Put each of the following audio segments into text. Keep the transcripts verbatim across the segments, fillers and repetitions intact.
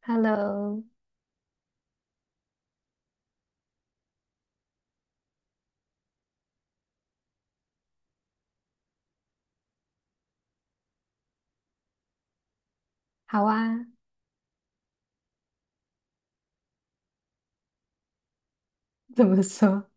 Hello，好啊，怎么说？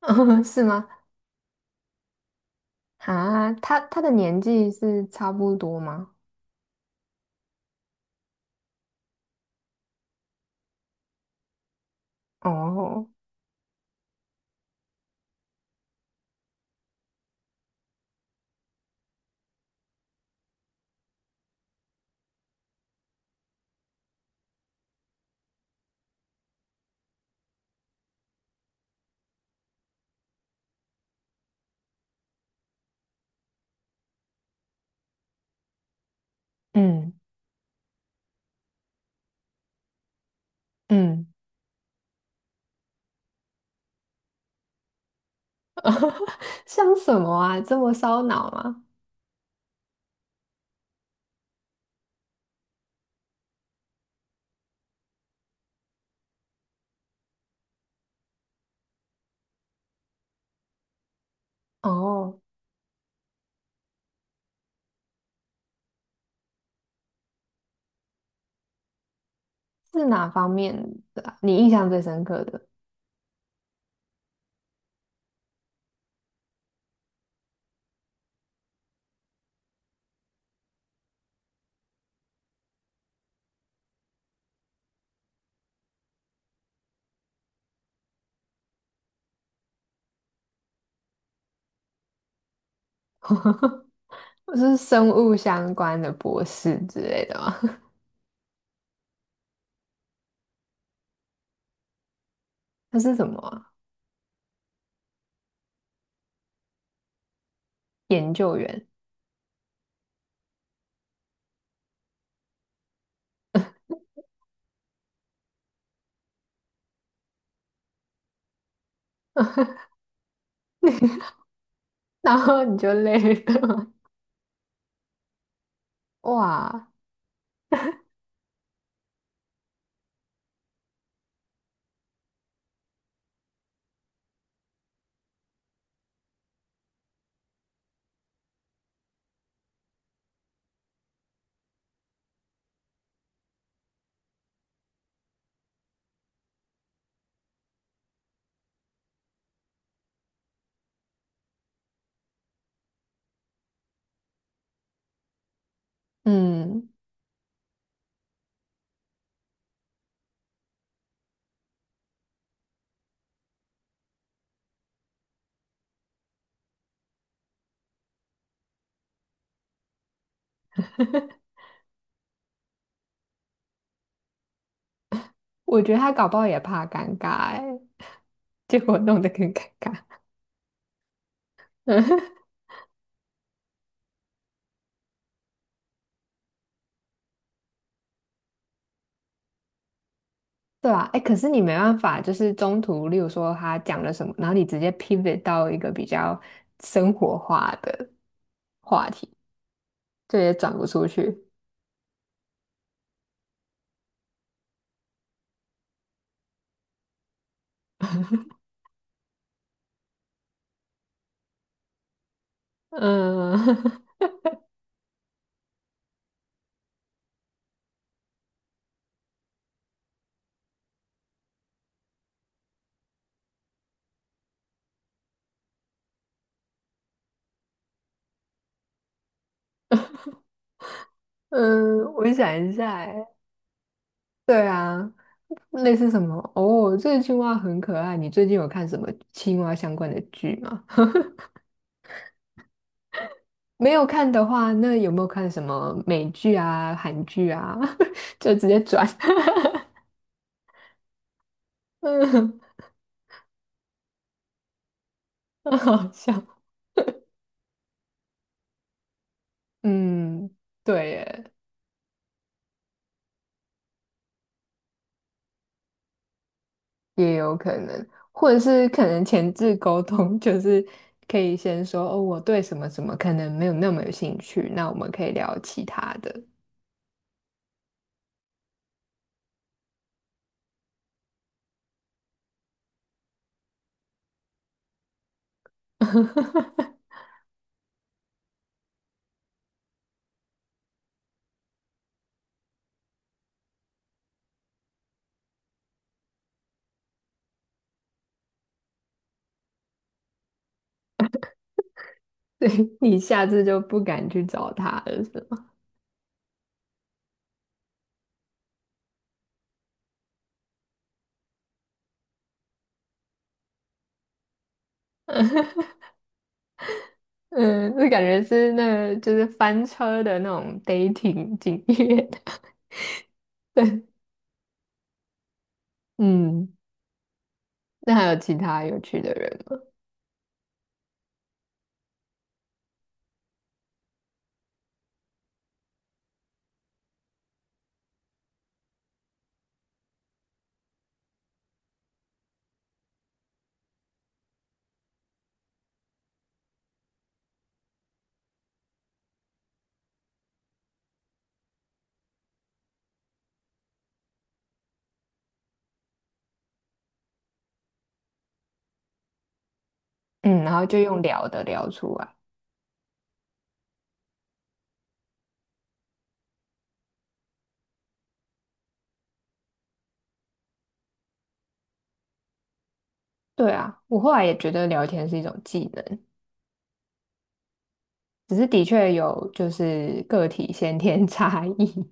哦是吗？啊，他他的年纪是差不多吗？哦，嗯嗯，像什么啊？这么烧脑吗？哦，是哪方面的啊你印象最深刻的？是生物相关的博士之类的吗？他是什么啊研究员，然后你就累了吗？ 哇，嗯，我觉得他搞不好也怕尴尬哎，结果弄得更尴尬。嗯，对啊，哎，可是你没办法，就是中途，例如说他讲了什么，然后你直接 pivot 到一个比较生活化的话题，这也转不出去。嗯 嗯，我想一下，哎，对啊，类似什么？哦，这个青蛙很可爱。你最近有看什么青蛙相关的剧吗？没有看的话，那有没有看什么美剧啊、韩剧啊？就直接转，嗯，很好笑。嗯，对耶，也有可能，或者是可能前置沟通，就是可以先说哦，我对什么什么可能没有那么有兴趣，那我们可以聊其他的。对，你下次就不敢去找他了，是吗？嗯，这感觉是那个就是翻车的那种 dating 经验。嗯，那还有其他有趣的人吗？嗯，然后就用聊的聊出来。对啊，我后来也觉得聊天是一种技能。只是的确有就是个体先天 差异。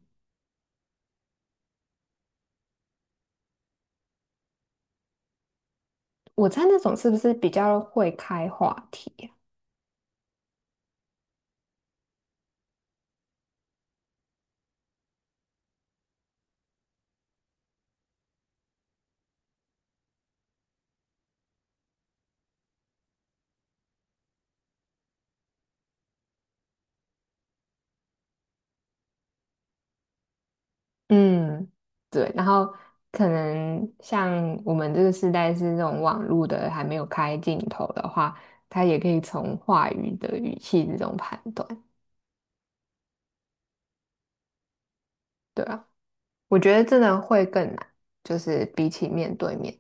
我猜那种是不是比较会开话题啊？嗯，对。然后可能像我们这个时代是这种网络的还没有开镜头的话，他也可以从话语的语气这种判断。对啊，我觉得真的会更难，就是比起面对面。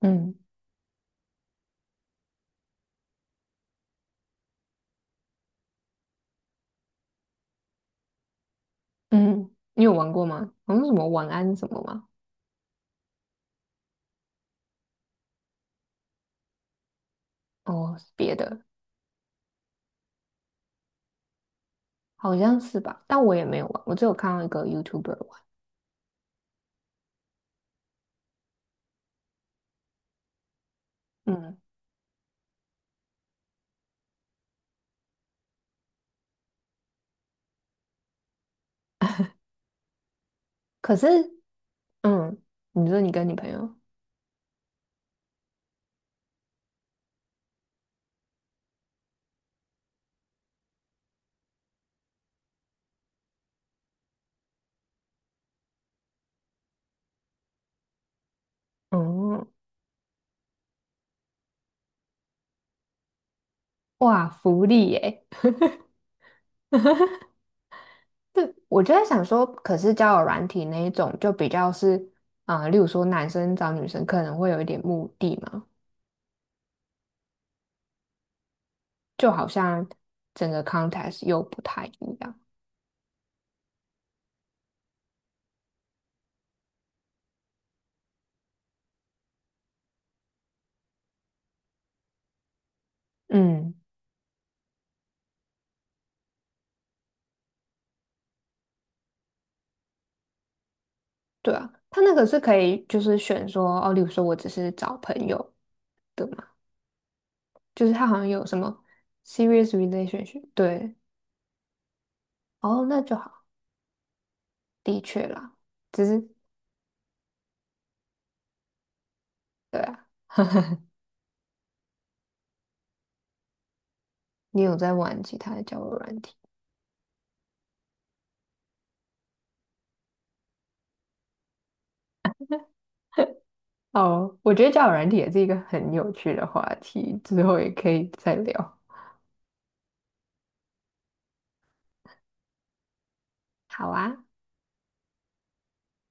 嗯嗯，你有玩过吗？好像什么晚安什么吗？哦，别的。好像是吧，但我也没有玩，我只有看到一个 YouTuber 玩。嗯，可是，嗯，你说你跟你朋友，嗯，哇，福利耶！对，我就在想说，可是交友软体那一种就比较是，啊、例如说男生找女生可能会有一点目的嘛，就好像整个 context 又不太一样。嗯，对啊，他那个是可以就是选说，哦，例如说我只是找朋友的嘛，就是他好像有什么 serious relationship，对。哦，那就好。的确啦，只是对啊，你有在玩其他的交友软体？哦，我觉得交友软体也是一个很有趣的话题，之后也可以再聊。好啊。